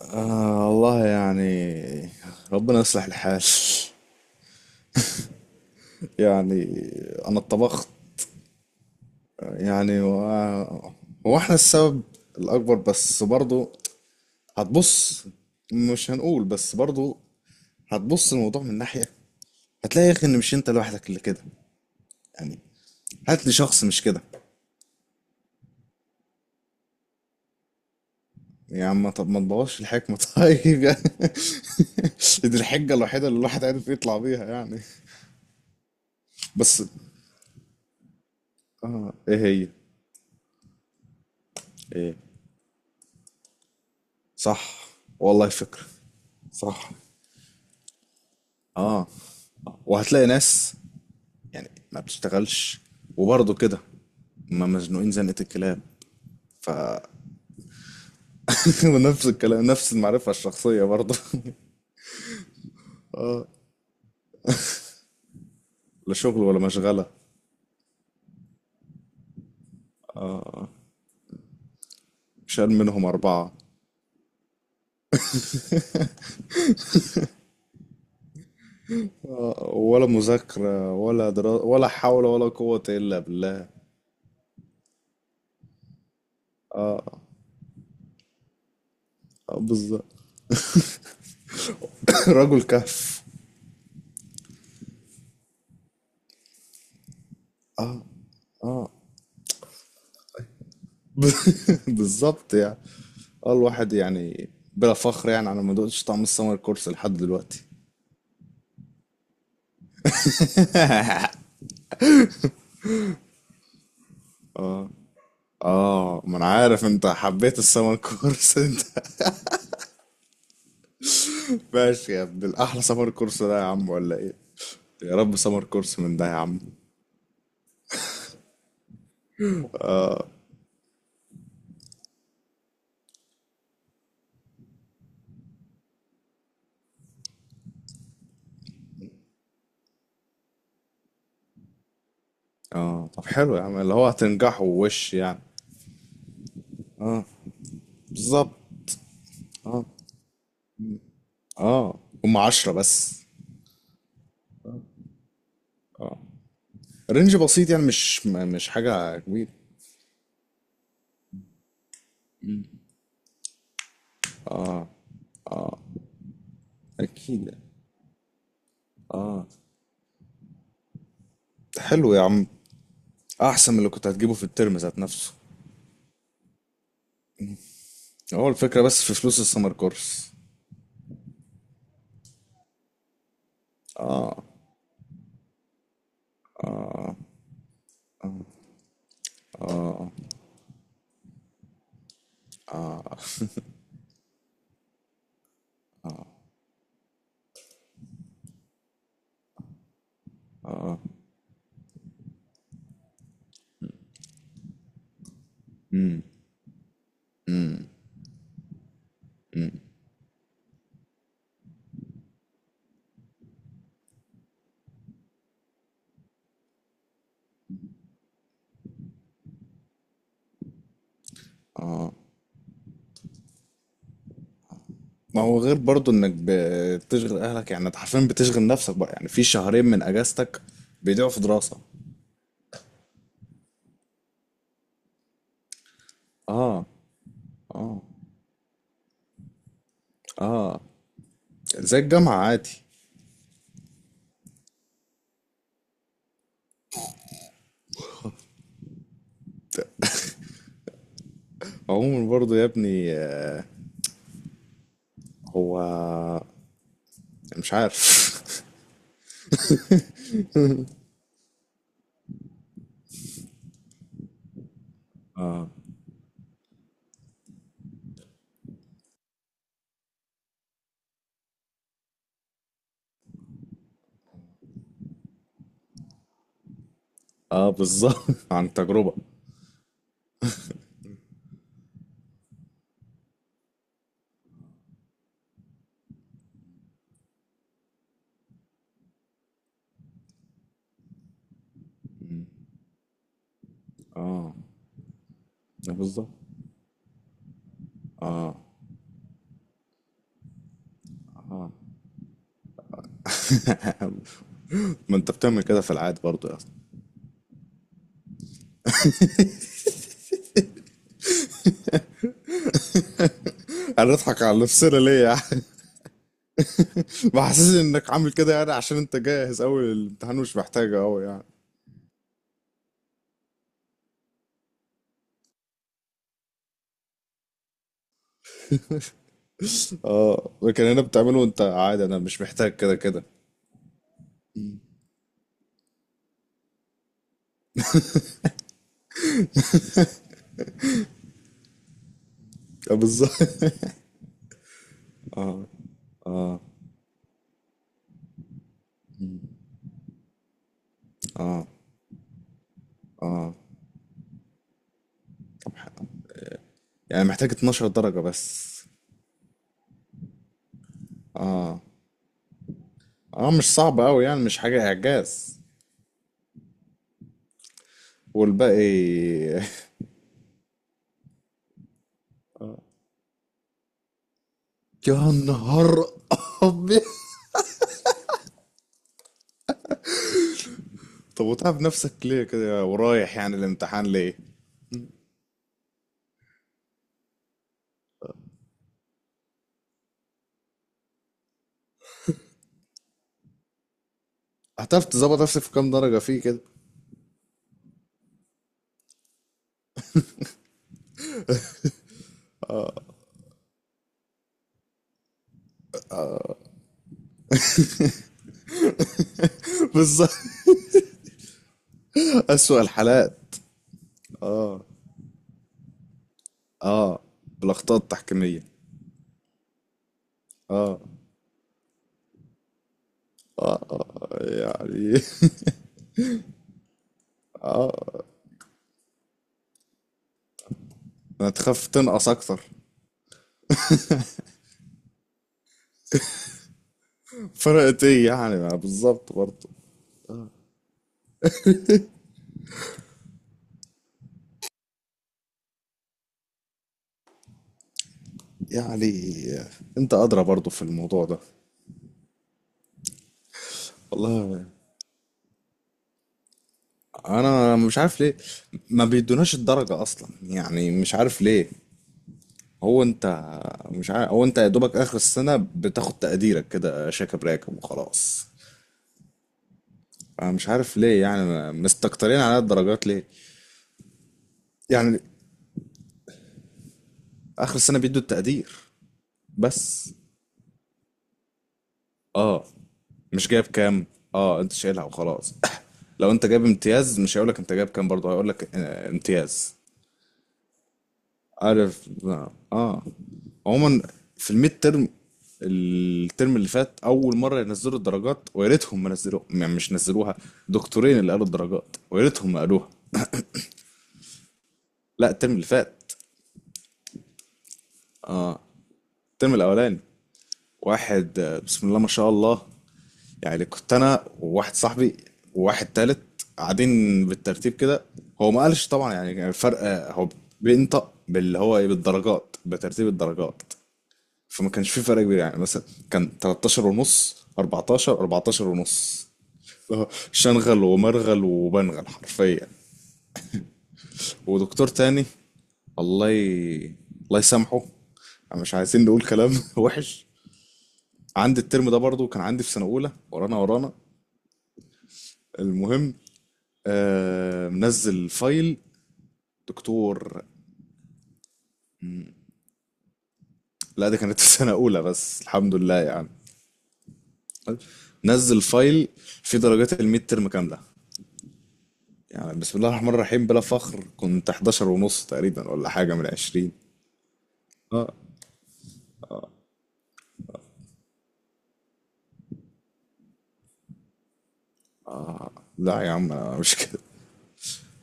آه والله يعني، ربنا يصلح الحال. يعني انا اتطبخت يعني هو احنا السبب الاكبر بس برضو. هتبص، مش هنقول بس برضو. هتبص الموضوع من ناحية، هتلاقي يا اخي ان مش انت لوحدك اللي كده يعني. هات لي شخص مش كده. يا عم طب ما تبوظش الحكمة. طيب. دي الحجة الوحيدة اللي الواحد عارف يطلع بيها يعني. بس اه ايه هي؟ ايه؟ صح، والله فكرة. صح. اه، وهتلاقي ناس يعني ما بتشتغلش وبرضه كده، ما مزنوقين زنقة الكلاب. ف ونفس الكلام، نفس المعرفة الشخصية برضه. لا شغل ولا مشغلة. شال منهم أربعة. ولا مذاكرة ولا دراسة ولا حول ولا قوة إلا بالله. بالظبط. رجل كهف. اه. بالظبط يعني. اه الواحد يعني بلا فخر يعني انا ما دقتش طعم السمر كورس لحد دلوقتي. اه ما انا عارف انت حبيت السمر كورس. انت ماشي يا ابن الاحلى. سمر كورس ده يا عم ولا ايه؟ يا رب سمر كورس من ده يا عم. اه طب حلو يا عم، اللي هو هتنجحوا وش يعني. بالظبط. اه. اه هم عشرة بس. اه، رينج بسيط يعني مش حاجة كبيرة. اكيد يعني. حلو يا عم، احسن من اللي كنت هتجيبه في الترم ذات نفسه. هو الفكرة بس في فلوس السمر كورس. امم، ما هو غير برضو انك بتشغل اهلك، يعني انت حرفيا بتشغل نفسك بقى، يعني في شهرين من اجازتك بيضيعوا في دراسة. اه. اه زي الجامعة عادي. عموما برضو يا ابني، هو مش عارف. اه بالظبط. عن تجربة. بالظبط. اه. ما انت بتعمل كده في العادي برضو يا اسطى. انا اضحك على نفسنا ليه يعني. بحسس انك عامل كده يعني عشان انت جاهز اوي، الامتحان مش محتاجه اوي يعني. اه لكن هنا بتعمله وانت عادي، انا مش محتاج كده كده. بالظبط. اه. اه يعني محتاج 12 درجة بس. اه. اه مش صعب قوي يعني، مش حاجة اعجاز. والباقي. يا نهار ابيض، طب وتعب نفسك ليه كده ورايح يعني الامتحان ليه؟ هتعرف تظبط نفسك في كام درجة فيه كده. بالظبط، اسوأ الحالات. اه، بالاخطاء التحكيمية. اه يعني. هتخاف تنقص اكتر. فرقت ايه يعني، ما بالظبط برضه. يعني انت ادرى برضو في الموضوع ده. والله انا مش عارف ليه. ما بيدوناش الدرجة اصلا، يعني مش عارف ليه. هو انت مش عارف، هو انت يا دوبك اخر السنة بتاخد تقديرك كده شاكب راكب وخلاص. انا مش عارف ليه يعني مستكترين على الدرجات ليه. يعني اخر السنة بيدوا التقدير بس. اه مش جايب كام. اه انت شايلها وخلاص. لو انت جايب امتياز مش هيقولك انت جايب كام، برضه هيقولك امتياز. عارف. اه. عموما، في الميد ترم الترم اللي فات اول مره ينزلوا الدرجات، ويا ريتهم ما نزلوها يعني، مش نزلوها. دكتورين اللي قالوا الدرجات ويا ريتهم ما قالوها. لا الترم اللي فات، الترم الاولاني. واحد، بسم الله ما شاء الله، يعني كنت انا وواحد صاحبي وواحد تالت قاعدين بالترتيب كده. هو ما قالش طبعا يعني، كان الفرق هو بينطق باللي هو إيه، بالدرجات بترتيب الدرجات. فما كانش في فرق كبير يعني، مثلا كان 13 ونص، 14، 14 ونص، اللي هو شنغل ومرغل وبنغل حرفيا. ودكتور تاني، الله ي... الله يسامحه، مش عايزين نقول كلام وحش. عندي الترم ده برضو، كان عندي في سنة أولى ورانا ورانا. المهم آه منزل فايل. دكتور. لا ده كانت في سنة أولى بس الحمد لله يعني. نزل فايل فيه درجات الميد ترم كاملة، يعني بسم الله الرحمن الرحيم بلا فخر كنت 11 ونص تقريبا ولا حاجة من 20. لا يا عم انا مش كده،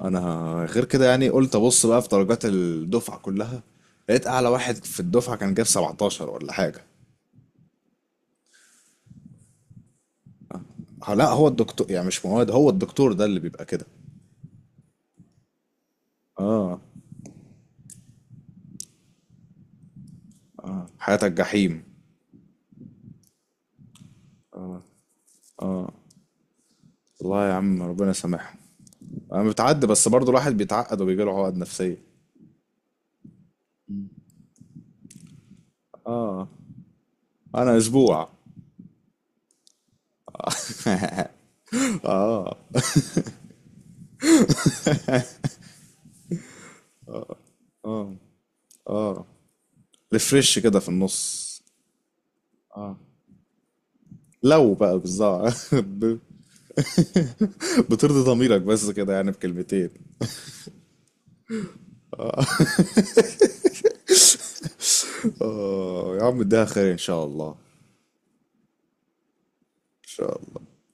انا غير كده يعني. قلت ابص بقى في درجات الدفعة كلها، لقيت اعلى واحد في الدفعة كان جاب 17 ولا حاجة. ها، لا هو الدكتور يعني، مش مواد، هو الدكتور ده اللي بيبقى كده. اه. اه حياتك جحيم. والله يا عم ربنا يسامحهم. انا بتعدي بس برضه الواحد بيتعقد وبيجيله عقد نفسية. اه. انا اسبوع. ريفرش كده في النص. لو بقى بالظبط. بترضي ضميرك بس كده يعني بكلمتين. اه يا عم اديها خير ان شاء الله. ان شاء الله.